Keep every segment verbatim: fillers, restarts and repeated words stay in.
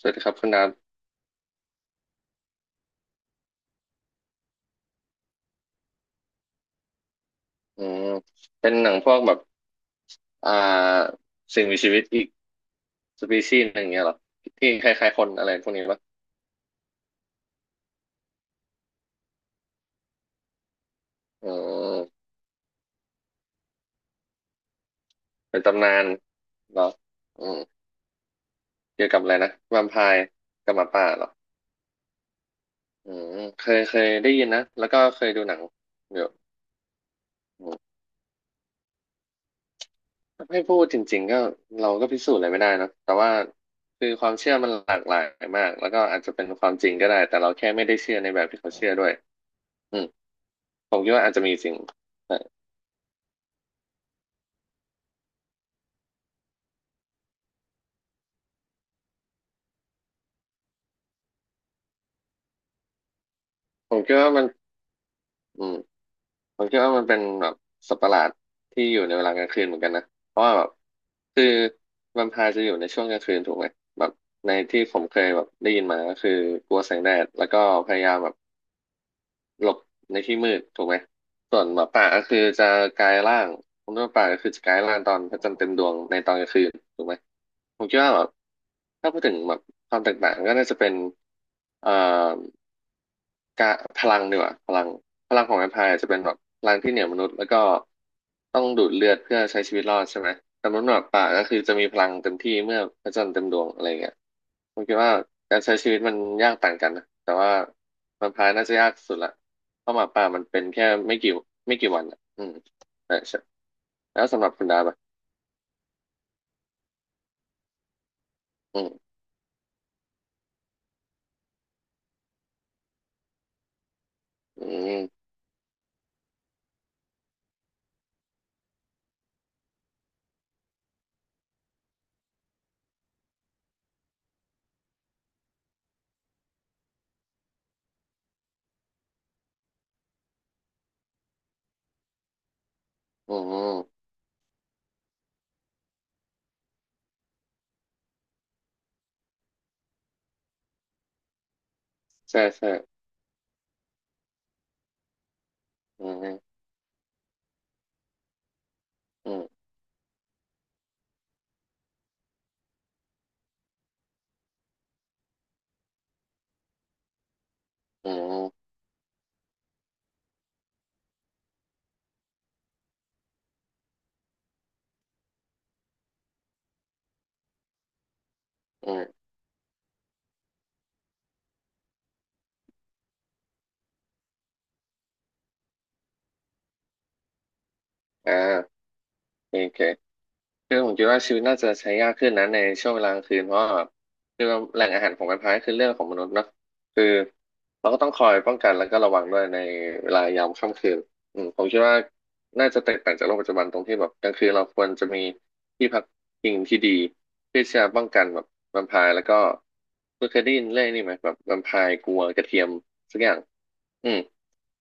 สวัสดีครับคุณดาบอืมเป็นหนังพวกแบบอ่าสิ่งมีชีวิตอีกสปีชีส์หนึ่งอย่างเงี้ยเหรอที่คล้ายๆคนอะไรพวกนี้ปะอืมเป็นตำนานเหรออืมเกี่ยวกับอะไรนะแวมไพร์กับหมาป่าเหรออืมเคยเคยได้ยินนะแล้วก็เคยดูหนังเดี๋ยวอืมถ้าให้พูดจริงๆก็เราก็พิสูจน์อะไรไม่ได้เนอะแต่ว่าคือความเชื่อมันหลากหลายมากแล้วก็อาจจะเป็นความจริงก็ได้แต่เราแค่ไม่ได้เชื่อในแบบที่เขาเชื่อด้วยอืมผมคิดว่าอาจจะมีสิ่ง ผมคิดว่ามันอืมผมคิดว่ามันเป็นแบบสัตว์ประหลาดที่อยู่ในเวลากลางคืนเหมือนกันนะเพราะว่าแบบคือแวมไพร์จะอยู่ในช่วงกลางคืนถูกไหมแบบในที่ผมเคยแบบได้ยินมาก็คือกลัวแสงแดดแล้วก็พยายามแบบหลบในที่มืดถูกไหมส่วนหมาป่าก็คือจะกลายร่างผมคิดว่าป่าก็คือจะกลายร่างตอนพระจันทร์เต็มดวงในตอนกลางคืนถูกไหมผมคิดว่าแบบถ้าพูดถึงแบบความแตกต่างก็น่าจะเป็นเอ่อ กะพลังดีกว่าพลังพลังของแวมไพร์จะเป็นแบบพลังที่เหนือมนุษย์แล้วก็ต้องดูดเลือดเพื่อใช้ชีวิตรอดใช่ไหมแต่มนุษย์หมาป่าก็คือจะมีพลังเต็มที่เมื่อพระจันทร์เต็มดวงอะไรเงี้ยผมคิดว่าการใช้ชีวิตมันยากต่างกันนะแต่ว่าแวมไพร์น่าจะยากสุดละเพราะหมาป่ามันเป็นแค่ไม่กี่ไม่กี่วันอ่ะอืมใช่ใช่แล้วสำหรับคุณดาบอะอืมอืมอืมใช่ใช่อืมอืมอืมอืมอ่าโอเค คือผมคิดว่าชีวิตน่าจะใช้ยากขึ้นนะในช่วงเวลากลางคืนเพราะว่าแคือวแหล่งอาหารของมันพายคือเรื่องของมนุษย์เนอะคือเราก็ต้องคอยป้องกันแล้วก็ระวังด้วยในเวลายามค่ำคืนอืมผมคิดว่าน่าจะแตกต่างจากโลกปัจจุบันตรงที่แบบกลางคืนเราควรจะมีที่พักพิงที่ดีเพื่อที่จะป้องกันแบบแวมไพร์แล้วก็คุณเคยได้ยินเรื่องนี้ไหมแบบแวมไพร์กลัวกระเทียมสักอย่าง อืม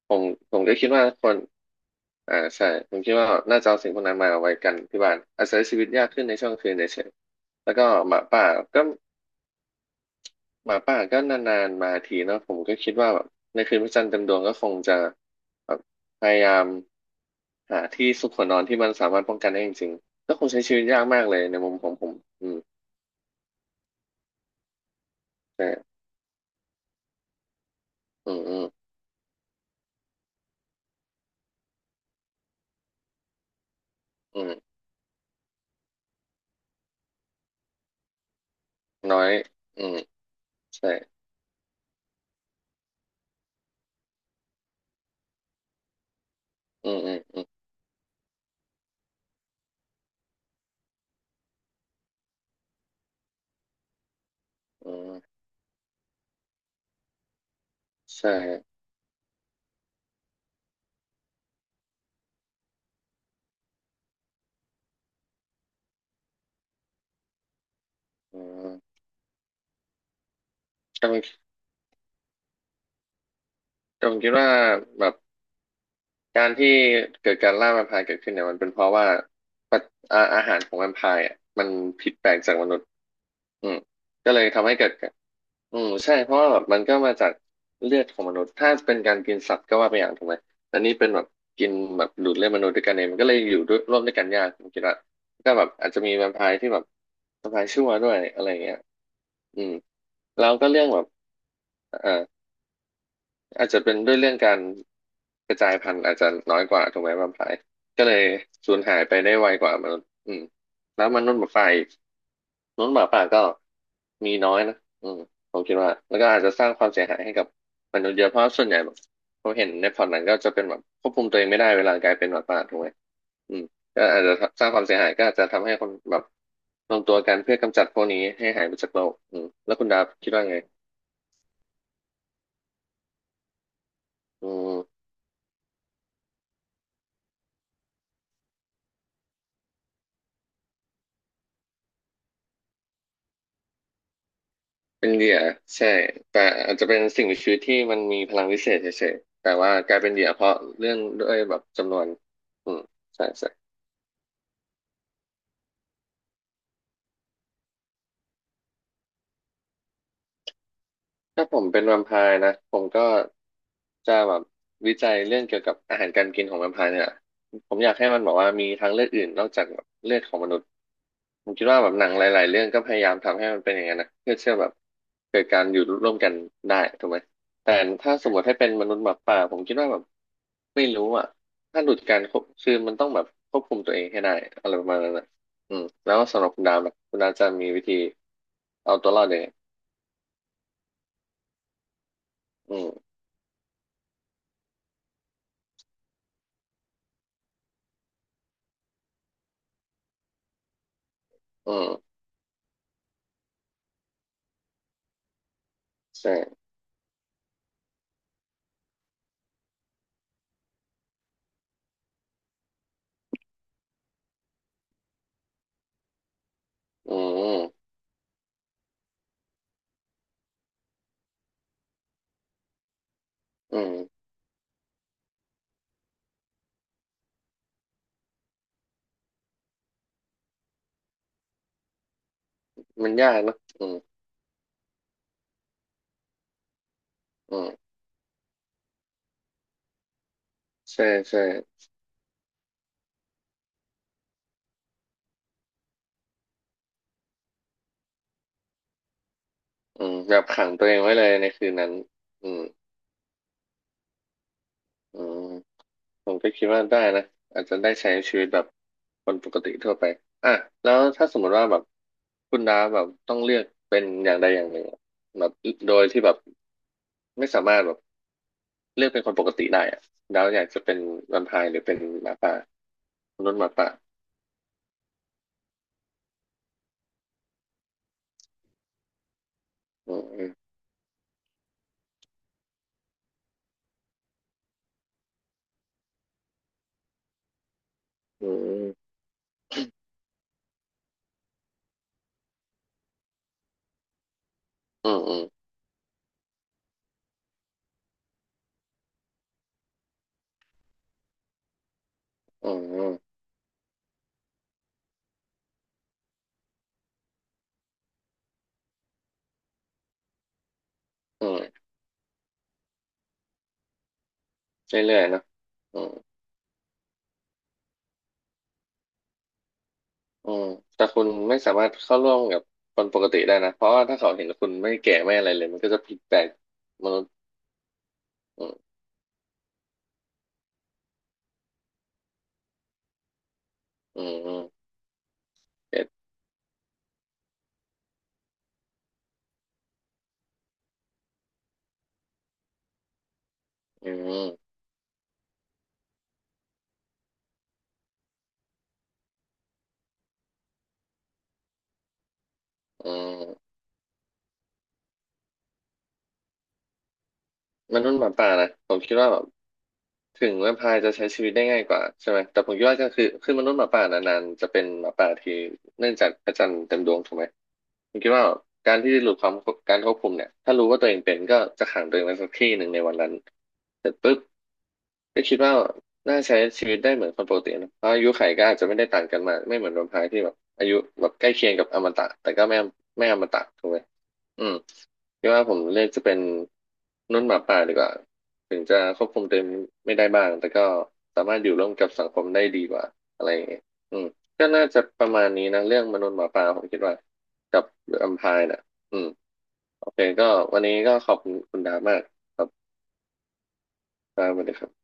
ผมผมก็คิดว่าคนอ่าใช่ผมคิดว่าน่าจะเอาสิ่งพวกนั้นมาเอาไว้กันที่บ้านอาศัยชชีวิตยากขึ้นในช่วงคืนเฉยๆแล้วก็หมาป่าก็หมาป่าก็นานๆมาทีเนาะผมก็คิดว่าแบบในคืนพระจันทร์เต็มดวงก็คงจะแบบพยายามหาที่ซุกหัวนอนที่มันสามารถป้องกันได้จริงๆก็คงใช้ชีวิตยากมากเลยในมุมของผมอืมใช่อืมอืมอืมน้อยอืมใช่อืมอืมอืมใช่อืม แต่ผมคิดว่าแบบการที่เกิดการล่าแวมไพร์เกิดขึ้นเนี่ยมันเป็นเพราะว่าปัจอาอาหารของแวมไพร์อ่ะมันผิดแปลกจากมนุษย์อืมก็เลยทำให้เกิดการอืมใช่เพราะว่าแบบมันก็มาจากเลือดของมนุษย์ถ้าเป็นการกินสัตว์ก็ว่าไปอย่างถูกไหมแต่นี่เป็นแบบกินแบบดูดเลือดมนุษย์ด้วยกันเองมันก็เลยอยู่ด้วยร่วมด้วยกันยากผมคิดว่าก็แบบอาจจะมีแวมไพร์ที่แบบแวมไพร์ชั่วด้วยอะไรอย่างเงี้ยอืมแล้วก็เรื่องแบบเอ่อ อาจจะเป็นด้วยเรื่องการกระจายพันธุ์อาจจะน้อยกว่าถูกไหมแวมไพร์ก็เลยสูญหายไปได้ไวกว่ามนุษย์อืมแล้วมนุษย์หมาป่าอีกมนุษย์หมาป่าก็มีน้อยนะอืมผมคิดว่าแล้วก็อาจจะสร้างความเสียหายให้กับมนุษย์เยอะเพราะส่วนใหญ่แบบผมเห็นในพอร์ตหนังก็จะเป็นแบบควบคุมตัวเองไม่ได้เวลากลายเป็นหมาป่าถูกไหมอืมก็อาจจะสร้างความเสียหายก็อาจจะทำให้คนแบบรวมตัวกันเพื่อกำจัดพวกนี้ให้หายไปจากโลกอืมแล้วคุณดาบคิดว่าไงอืม เป็นเหยื่อใช่แต่อาจจะเป็นสิ่งมีชีวิตที่มันมีพลังวิเศษเฉยๆแต่ว่ากลายเป็นเหยื่อเพราะเรื่องด้วยแบบจำนวนอืมใช่ใช่ ถ้าผมเป็นแวมไพร์นะผมก็จะแบบวิจัยเรื่องเกี่ยวกับอาหารการกินของแวมไพร์เนี่ยผมอยากให้มันบอกว่ามีทางเลือกอื่นนอกจากแบบเลือดของมนุษย์ผมคิดว่าแบบหนังหลายๆเรื่องก็พยายามทำให้มันเป็นอย่างนั้นนะเพื่อเชื่อแบบเกิดการอยู่ร่วมกันได้ถูกไหมแต่ถ้าสมมติให้เป็นมนุษย์หมาป่าผมคิดว่าแบบไม่รู้อ่ะถ้าหลุดการควบคือมันต้องแบบควบคุมตัวเองให้ได้อะไรประมาณนั้นนะอืมแล้วสำหรับคุณดาวนะคุณดาวจะมีวิธีเอาตัวรอดยังไงอืมอืม ใช่อืมอืมมันยากเนอะอืมอืมใช่ใช่อืมแบบขังตัวเองไว้เลยในคืนนั้นอืมอืมผมก็คิดว่าได้นะอาจจะได้ใช้ชีวิตแบบคนปกติทั่วไปอ่ะแล้วถ้าสมมติว่าแบบคุณดาแบบต้องเลือกเป็นอย่างใดอย่างหนึ่งอะแบบโดยที่แบบไม่สามารถแบบเลือกเป็นคนปกติได้อะดาวอยากจะเป็นแวมไพร์หรือเป็นหมาป่ามนุษย์หมาป่า อืมอืมอืมอืมอืมอืมอืม เรื่อยๆเนอะอืมอืมแต่คุณไม่สามารถเข้าร่วมกับคนปกติได้นะ เพราะว่าถ้าเขาเห็นคุณไม่แก่ไม่อะไรเลยมันก็จะผิดแปลกมนุษย์อืมอืมอืมเก็ตอืมอืมมนุษย์หมาป่านะ ผมคิดว่าแบบ ถึงแวมไพร์จะใช้ชีวิตได้ง่ายกว่าใช่ไหมแต่ผมคิดว่าก็คือคือมนุษย์หมาป่านานๆจะเป็นหมาป่าที่เนื่องจากพระจันทร์เต็มดวงถูกไหมผมคิดว่าการที่หลุดความการควบคุมเนี่ยถ้ารู้ว่าตัวเองเป็นก็จะขังตัวเองไว้สักที่หนึ่งในวันนั้นเสร็จปุ๊บก็คิดว่าน่าใช้ชีวิตได้เหมือนคนปกตินะเพราะอายุไขก็อาจจะไม่ได้ต่างกันมากไม่เหมือนแวมไพร์ที่แบบอายุแบบใกล้เคียงกับอมตะแต่ก็ไม่ไม่อมตะถูกไหมอืมคิดว่าผมเลือกจะเป็นมนุ่นหมาป่าดีกว่า ถึงจะควบคุมตัวเองไม่ได้บ้างแต่ก็สามารถอยู่ร่วมกับสังคมได้ดีกว่าอะไรอย่างเงี้ยอืมก็น่าจะประมาณนี้นะเรื่องมนุษย์หมาป่าผมคิดว่ากับแอมไพร์น่ะอืมโอเคก็วันนี้ก็ขอบคุณคุณดามากครับดาสวัสดีครับ